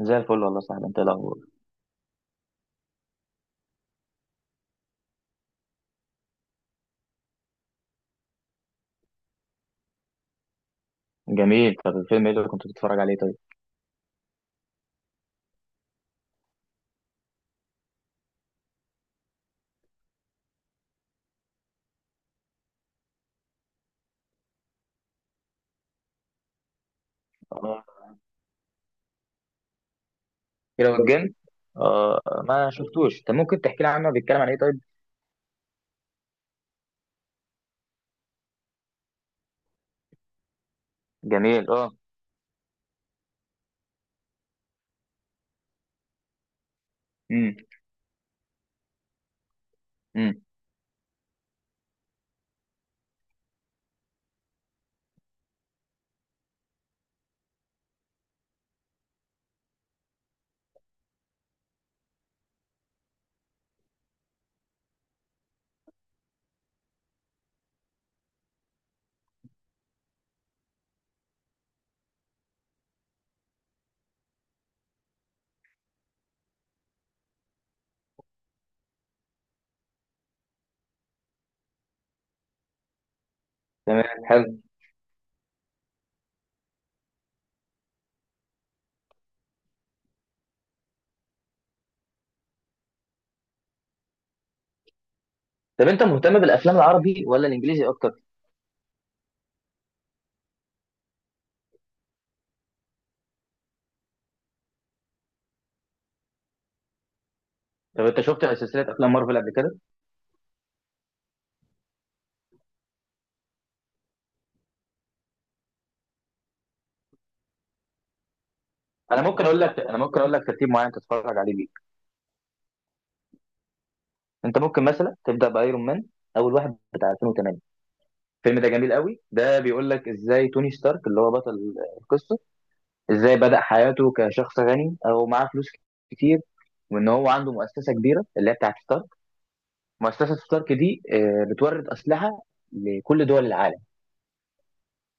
زي الفل والله يا صاحبي. انت ايه الاخبار؟ جميل. طب الفيلم ايه اللي كنت بتتفرج عليه طيب؟ اه كده والجن. اه. ما شفتوش. طب ممكن تحكي لي عنه؟ بيتكلم عن ايه طيب؟ جميل. اه. امم. امم. تمام. حلو. طب انت مهتم بالافلام العربي ولا الانجليزي اكتر؟ طب انت شفت سلسله افلام مارفل قبل كده؟ انا ممكن اقول لك ترتيب معين تتفرج عليه بيه. انت ممكن مثلا تبدا بايرون مان، اول واحد بتاع 2008. الفيلم ده جميل قوي، ده بيقول لك ازاي توني ستارك اللي هو بطل القصه، ازاي بدأ حياته كشخص غني او معاه فلوس كتير، وان هو عنده مؤسسه كبيره اللي هي بتاعت ستارك. مؤسسه ستارك دي بتورد اسلحه لكل دول العالم،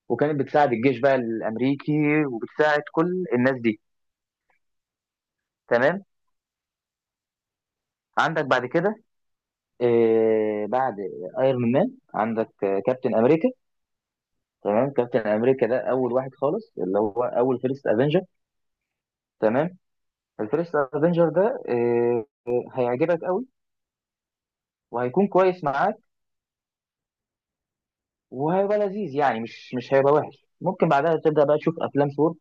وكانت بتساعد الجيش بقى الامريكي، وبتساعد كل الناس دي. تمام. عندك بعد كده بعد ايرون مان عندك كابتن امريكا. تمام. كابتن امريكا ده اول واحد خالص، اللي هو اول فيرست افنجر. تمام. الفيرست افنجر ده هيعجبك قوي، وهيكون كويس معاك، وهيبقى لذيذ، يعني مش هيبقى وحش. ممكن بعدها تبدا بقى تشوف افلام ثور.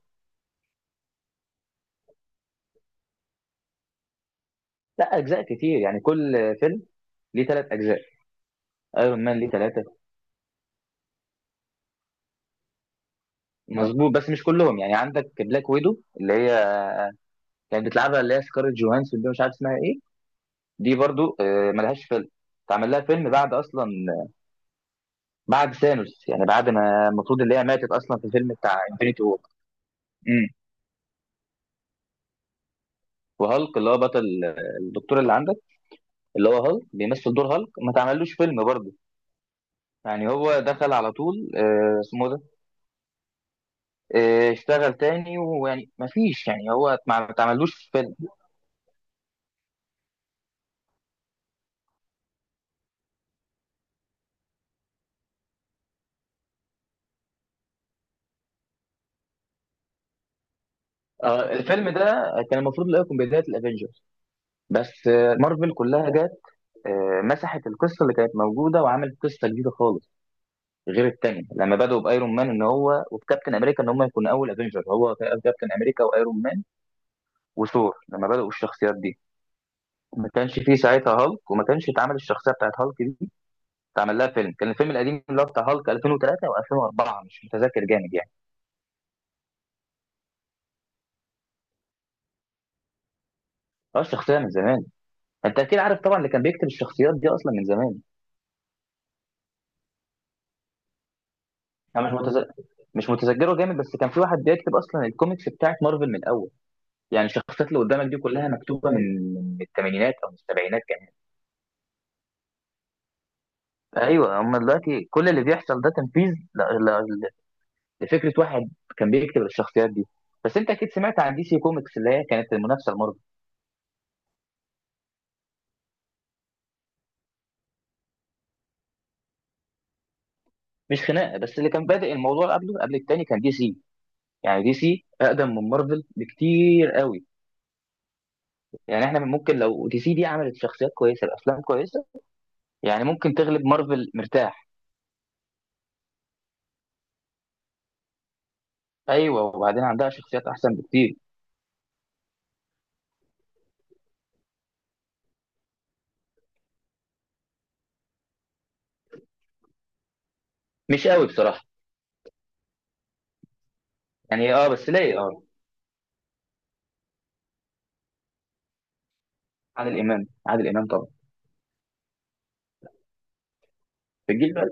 لا، اجزاء كتير. يعني كل فيلم ليه ثلاث اجزاء. ايرون مان ليه ثلاثه. مظبوط، بس مش كلهم. يعني عندك بلاك ويدو اللي هي كانت بتلعبها، اللي هي سكارلت جوهانسون دي مش عارف اسمها ايه، دي برضو ملهاش فيلم. اتعمل لها فيلم بعد اصلا، بعد ثانوس، يعني بعد ما المفروض اللي هي ماتت اصلا في الفيلم بتاع انفينيتي وور. امم وهالك اللي هو بطل، الدكتور اللي عندك، اللي هو هالك بيمثل دور هالك، ما تعملوش فيلم برضه. يعني هو دخل على طول اسمه اشتغل تاني، ويعني ما فيش، يعني هو ما اتعملوش فيلم. الفيلم ده كان المفروض اللي هو يكون بداية الافينجرز، بس مارفل كلها جت مسحت القصة اللي كانت موجودة وعملت قصة جديدة خالص، غير التانية. لما بدأوا بايرون مان ان هو وكابتن امريكا ان هم يكونوا اول افنجر، هو كابتن امريكا وايرون مان وثور، لما بدأوا الشخصيات دي ما كانش فيه ساعتها هالك، وما كانش اتعمل الشخصية بتاعت هالك دي، اتعمل لها فيلم. كان الفيلم القديم اللي هو بتاع هالك 2003 و2004، مش متذكر جامد يعني. اه، الشخصية من زمان. انت اكيد عارف طبعا اللي كان بيكتب الشخصيات دي اصلا من زمان. انا مش متذكره جامد، بس كان في واحد بيكتب اصلا الكوميكس بتاعت مارفل من الاول. يعني الشخصيات اللي قدامك دي كلها مكتوبه من الثمانينات او من السبعينات كمان. ايوه، هم دلوقتي كل اللي بيحصل ده تنفيذ ل... ل... لفكره واحد كان بيكتب الشخصيات دي. بس انت اكيد سمعت عن دي سي كوميكس اللي هي كانت المنافسه لمارفل. مش خناقه، بس اللي كان بادئ الموضوع قبله قبل التاني كان دي سي. يعني دي سي اقدم من مارفل بكتير قوي. يعني احنا ممكن لو دي سي دي عملت شخصيات كويسه بافلام كويسه، يعني ممكن تغلب مارفل مرتاح. ايوه، وبعدين عندها شخصيات احسن بكتير. مش قوي بصراحه. يعني اه، بس ليه اه. عادل امام. عادل امام طبعا. في الجيل بقى،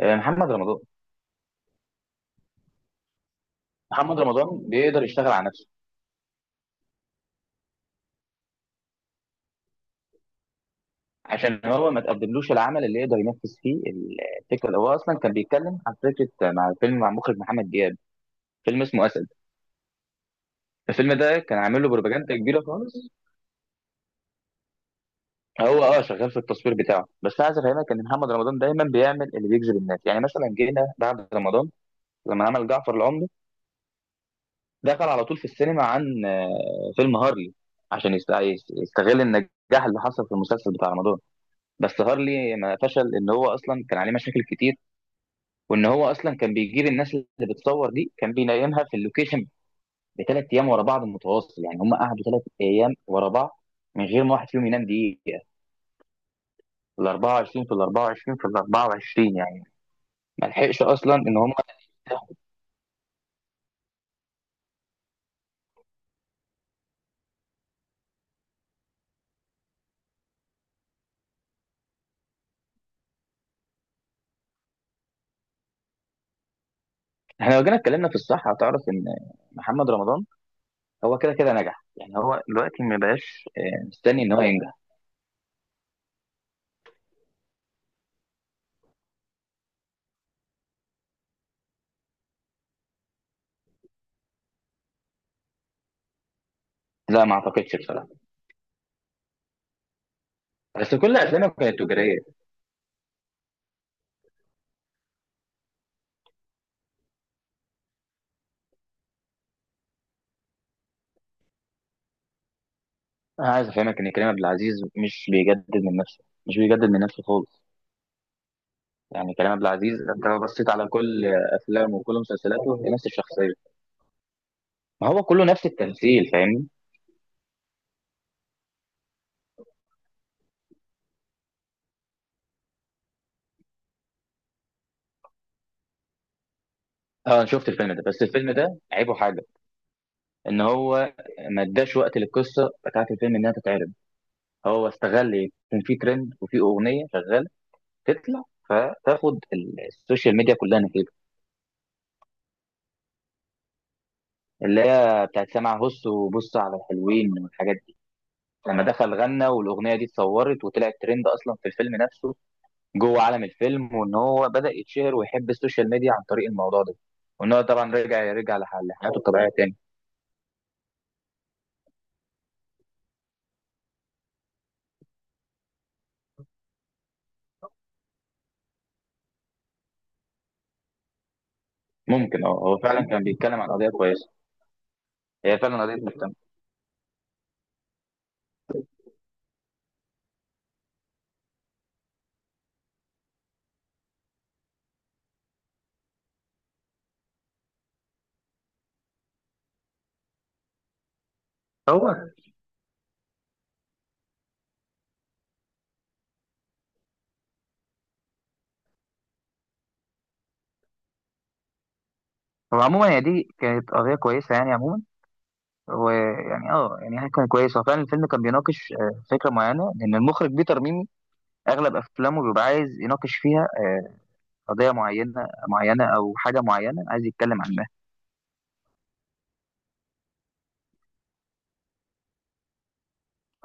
محمد رمضان. محمد رمضان بيقدر يشتغل على نفسه. عشان هو ما تقدملوش العمل اللي يقدر ينفذ فيه الفكره، اللي هو اصلا كان بيتكلم عن فكره مع فيلم مع مخرج محمد دياب، فيلم اسمه اسد. الفيلم ده كان عامل له بروباجندا كبيره خالص. هو اه شغال في التصوير بتاعه. بس عايز افهمك ان محمد رمضان دايما بيعمل اللي بيجذب الناس. يعني مثلا جينا بعد رمضان لما عمل جعفر العمدة، دخل على طول في السينما عن فيلم هارلي، عشان يستغل النجاح اللي حصل في المسلسل بتاع رمضان. بس هارلي ما فشل ان هو اصلا كان عليه مشاكل كتير، وان هو اصلا كان بيجيب الناس اللي بتصور دي كان بينيمها في اللوكيشن بثلاث ايام ورا بعض متواصل. يعني هم قعدوا ثلاث ايام ورا بعض من غير ما واحد فيهم ينام دقيقه، في ال 24، في ال 24، في ال 24 يعني، ما لحقش اصلا ان هم. احنا لو جينا اتكلمنا في الصحه هتعرف ان محمد رمضان هو كده كده نجح. يعني هو دلوقتي ما بقاش مستني ان هو ينجح. لا، ما اعتقدش بصراحه. بس كل افلامه كانت تجاريه. انا عايز افهمك ان كريم عبد العزيز مش بيجدد من نفسه، مش بيجدد من نفسه خالص. يعني كريم عبد العزيز انت لو بصيت على كل افلامه وكل مسلسلاته هي نفس الشخصيه. ما هو كله نفس التمثيل فاهمني. اه، انا شفت الفيلم ده. بس الفيلم ده عيبه حاجه، ان هو ما اداش وقت للقصه بتاعت الفيلم انها تتعرض. هو استغل ايه، كان في ترند وفي اغنيه شغاله تطلع فتاخد السوشيال ميديا كلها نتيجه، اللي هي بتاعت سامع هص وبص على الحلوين والحاجات دي. لما دخل غنى والاغنيه دي اتصورت وطلعت ترند اصلا في الفيلم نفسه، جوه عالم الفيلم، وان هو بدا يتشهر ويحب السوشيال ميديا عن طريق الموضوع ده. وان هو طبعا رجع يرجع لحياته الطبيعيه تاني. ممكن اه، هو فعلا كان بيتكلم عن قضيه كويسه. هي فعلا قضيه مهتمه. هو هو عموما هي دي كانت قضيه كويسه يعني عموما. ويعني اه يعني هي كان كويس. هو فعلا الفيلم كان بيناقش فكره معينه، لان المخرج بيتر ميمي اغلب افلامه بيبقى عايز يناقش فيها قضية معينة معينة أو حاجة معينة عايز يتكلم عنها.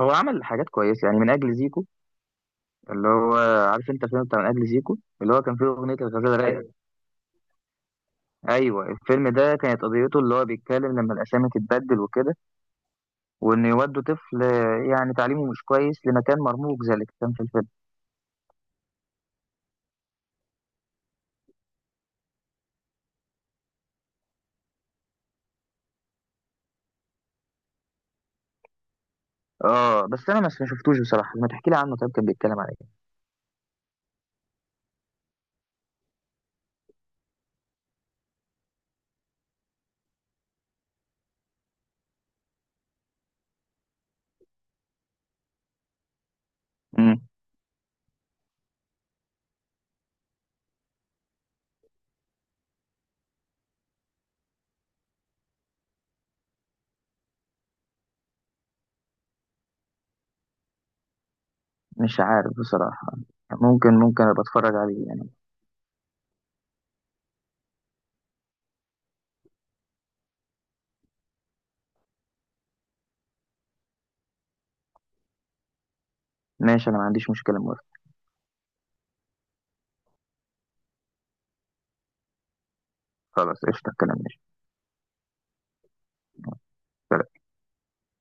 هو عمل حاجات كويسة يعني، من أجل زيكو، اللي هو عارف أنت الفيلم بتاع من أجل زيكو اللي هو كان فيه أغنية الغزالة رايقة. أيوة، الفيلم ده كانت قضيته اللي هو بيتكلم لما الأسامي تتبدل وكده، وإن يودوا طفل يعني تعليمه مش كويس لمكان مرموق زي اللي كان في الفيلم. آه، بس أنا ما شفتوش بصراحة. ما تحكي لي عنه طيب، كان بيتكلم على إيه؟ مم. مش عارف بصراحة. ممكن أبقى أتفرج عليه يعني. ماشي، أنا ما عنديش مشكلة، موافق. خلاص قشطة. الكلام ماشي.